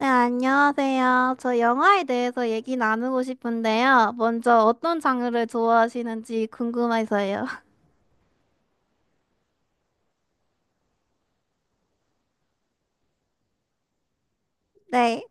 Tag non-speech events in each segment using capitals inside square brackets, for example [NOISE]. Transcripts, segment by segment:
네, 안녕하세요. 저 영화에 대해서 얘기 나누고 싶은데요. 먼저 어떤 장르를 좋아하시는지 궁금해서요. [LAUGHS] 네.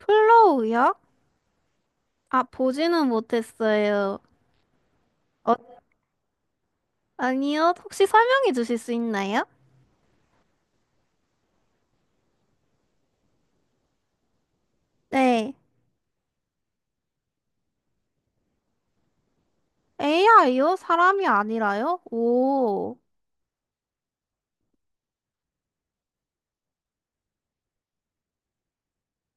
플로우요? 아, 보지는 못했어요. 어, 아니요. 혹시 설명해 주실 수 있나요? 네. AI요? 사람이 아니라요? 오.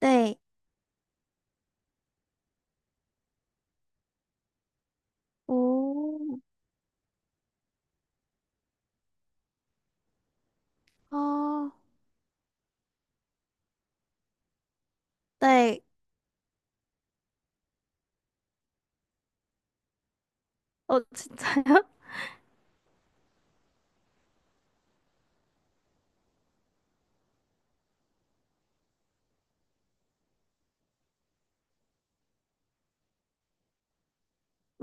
네. 오. 아, 네. 어, 진짜요? [LAUGHS]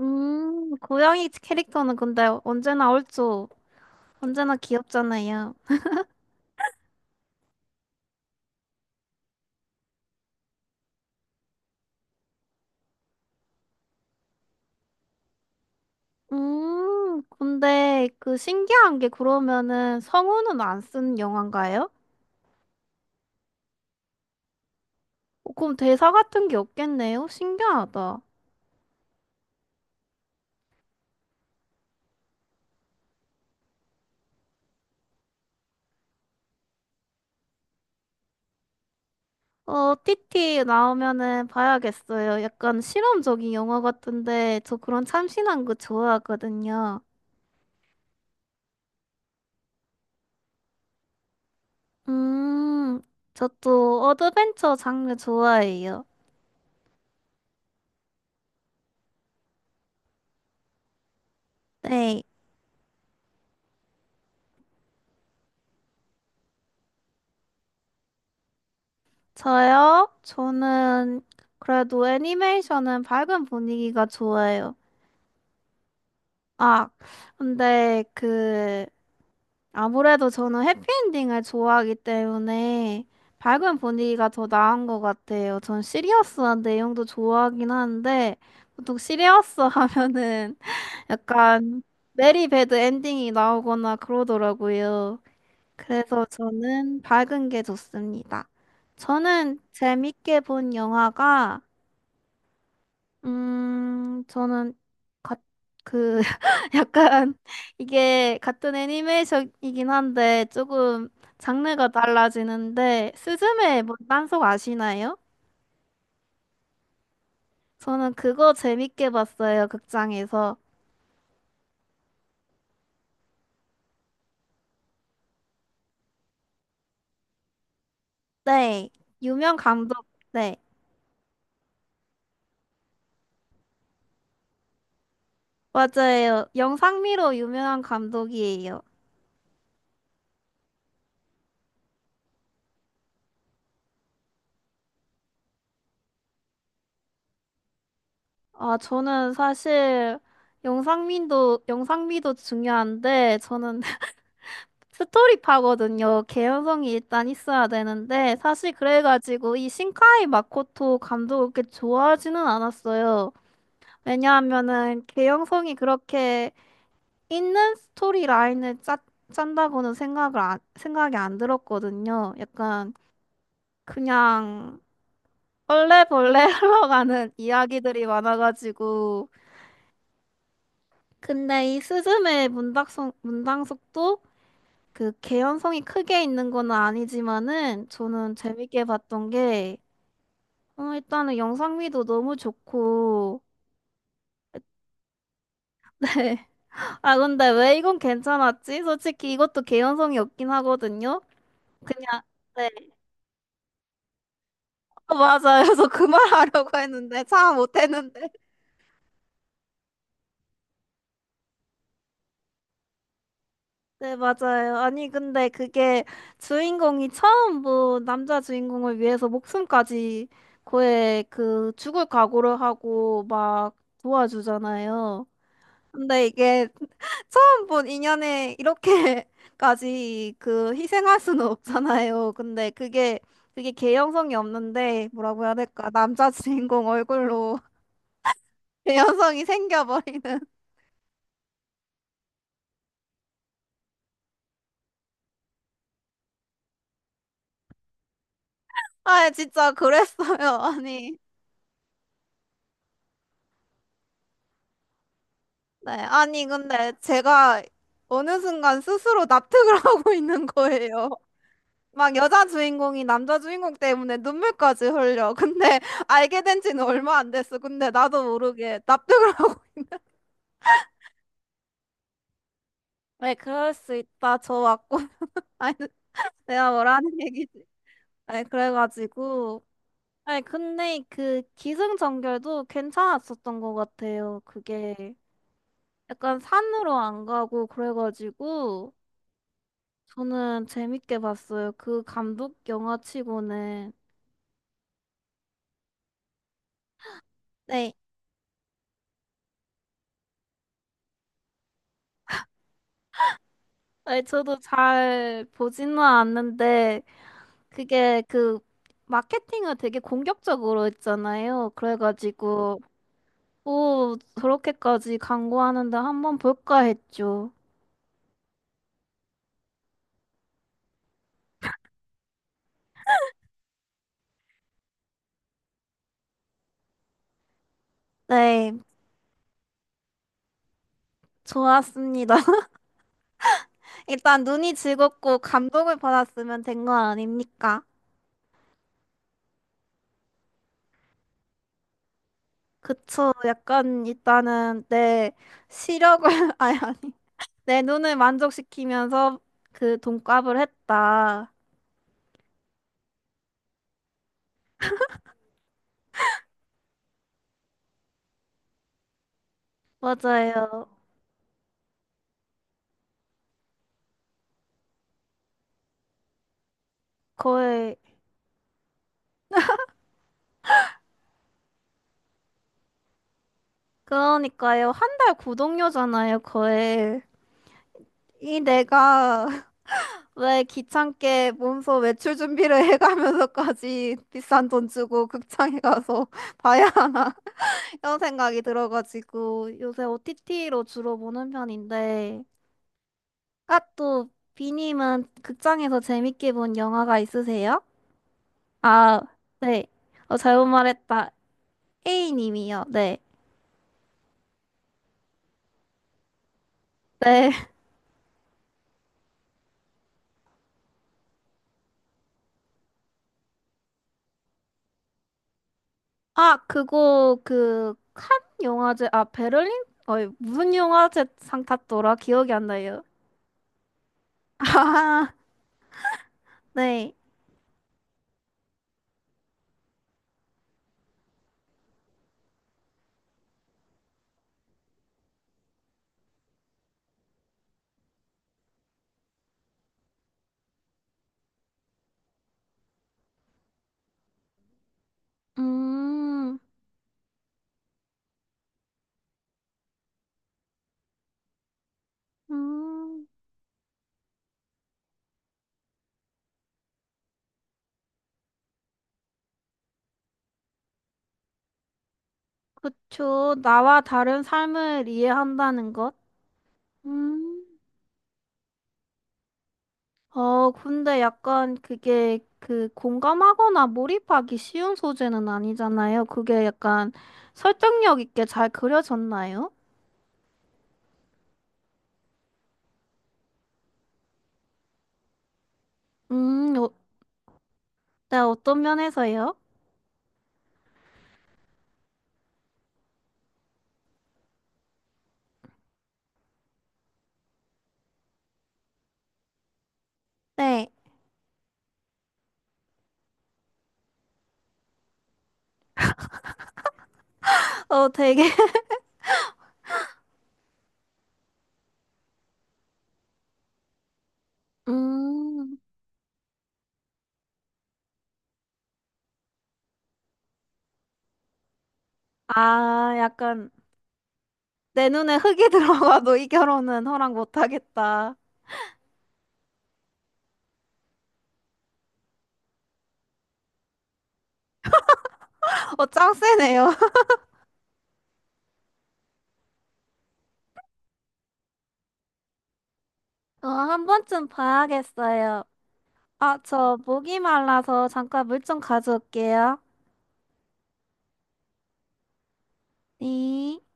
고양이 캐릭터는 근데 언제나 얼죠. 언제나 귀엽잖아요. 근데 그 신기한 게 그러면은 성우는 안 쓴 영화인가요? 어, 그럼 대사 같은 게 없겠네요? 신기하다. 어, 티티 나오면은 봐야겠어요. 약간 실험적인 영화 같은데 저 그런 참신한 거 좋아하거든요. 음, 저도 어드벤처 장르 좋아해요. 네, 저요? 저는 그래도 애니메이션은 밝은 분위기가 좋아요. 아, 근데 그 아무래도 저는 해피엔딩을 좋아하기 때문에 밝은 분위기가 더 나은 것 같아요. 전 시리어스한 내용도 좋아하긴 하는데 보통 시리어스 하면은 [LAUGHS] 약간 메리 배드 엔딩이 나오거나 그러더라고요. 그래서 저는 밝은 게 좋습니다. 저는 재밌게 본 영화가 저는 가, 그 [LAUGHS] 약간 이게 같은 애니메이션이긴 한데 조금 장르가 달라지는데 스즈메 문단속 아시나요? 저는 그거 재밌게 봤어요, 극장에서. 네, 유명 감독. 네, 맞아요. 영상미로 유명한 감독이에요. 아, 저는 사실 영상미도 중요한데 저는 스토리파거든요. 개연성이 일단 있어야 되는데 사실 그래가지고 이 신카이 마코토 감독을 그렇게 좋아하지는 않았어요. 왜냐하면은 개연성이 그렇게 있는 스토리 라인을 짠다고는 생각을 안, 생각이 안 들었거든요. 약간 그냥 얼레벌레 [LAUGHS] 흘러가는 이야기들이 많아가지고 근데 이 스즈메의 문당속도 그 개연성이 크게 있는 건 아니지만은 저는 재밌게 봤던 게 어, 일단은 영상미도 너무 좋고 [LAUGHS] 네. 아 근데 왜 이건 괜찮았지? 솔직히 이것도 개연성이 없긴 하거든요. 그냥 네. 어, 맞아요. 그래서 그 말하려고 했는데 참 못했는데. [LAUGHS] 네, 맞아요. 아니 근데 그게 주인공이 처음 뭐 남자 주인공을 위해서 목숨까지 거의 그 죽을 각오를 하고 막 도와주잖아요. 근데 이게 [LAUGHS] 처음 본 인연에 이렇게까지 그 희생할 수는 없잖아요. 근데 그게 개연성이 없는데 뭐라고 해야 될까? 남자 주인공 얼굴로 [LAUGHS] 개연성이 생겨버리는. 아, 진짜 그랬어요. [LAUGHS] 아니, 네, 아니 근데 제가 어느 순간 스스로 납득을 [LAUGHS] 하고 있는 거예요. 막 여자 주인공이 남자 주인공 때문에 눈물까지 흘려. 근데 알게 된 지는 얼마 안 됐어. 근데 나도 모르게 납득을 [LAUGHS] 하고 네, 그럴 수 있다. 저 맞고. [LAUGHS] 아니, 내가 뭐라는 얘기지? 아니, 그래가지고. 아니, 근데 그 기승전결도 괜찮았었던 것 같아요. 그게 약간 산으로 안 가고 그래가지고 저는 재밌게 봤어요. 그 감독 영화 치고는. 네. 아니, 저도 잘 보지는 않는데 그게 그 마케팅을 되게 공격적으로 했잖아요. 그래가지고. 오, 그렇게까지 광고하는데 한번 볼까 했죠. 네, 좋았습니다. [LAUGHS] 일단 눈이 즐겁고 감동을 받았으면 된 거 아닙니까? 그쵸. 약간 일단은 내 시력을, [LAUGHS] 아니, 아니. 내 눈을 만족시키면서 그 돈값을 했다. 맞아요. 거의. 그러니까요. 한 달 구독료잖아요, 거의. 이 내가 왜 귀찮게 몸소 외출 준비를 [LAUGHS] 해가면서까지 비싼 돈 주고 극장에 가서 [LAUGHS] 봐야 하나 [LAUGHS] 이런 생각이 들어가지고 요새 OTT로 주로 보는 편인데 아 또 비님은 극장에서 재밌게 본 영화가 있으세요? 아, 네. 어, 잘못 말했다. A님이요. 네. 네. [LAUGHS] 아, 그거 그 칸 영화제 아 베를린? 어이 무슨 영화제 상 탔더라? 기억이 안 나요. [LAUGHS] 아, 네. 음, 음, 그쵸. 나와 다른 삶을 이해한다는 것? 음, 어, 근데 약간 그게 그 공감하거나 몰입하기 쉬운 소재는 아니잖아요. 그게 약간 설득력 있게 잘 그려졌나요? 어, 네, 어떤 면에서요? 네, 어, 되게, [LAUGHS] 음, 아, 약간 내 눈에 흙이 [LAUGHS] 들어가도 이 결혼은 허락 못하겠다. 어, 짱 세네요. 어, 한 번쯤 봐야겠어요. 아, 저 목이 말라서 잠깐 물 좀 가져올게요. 네.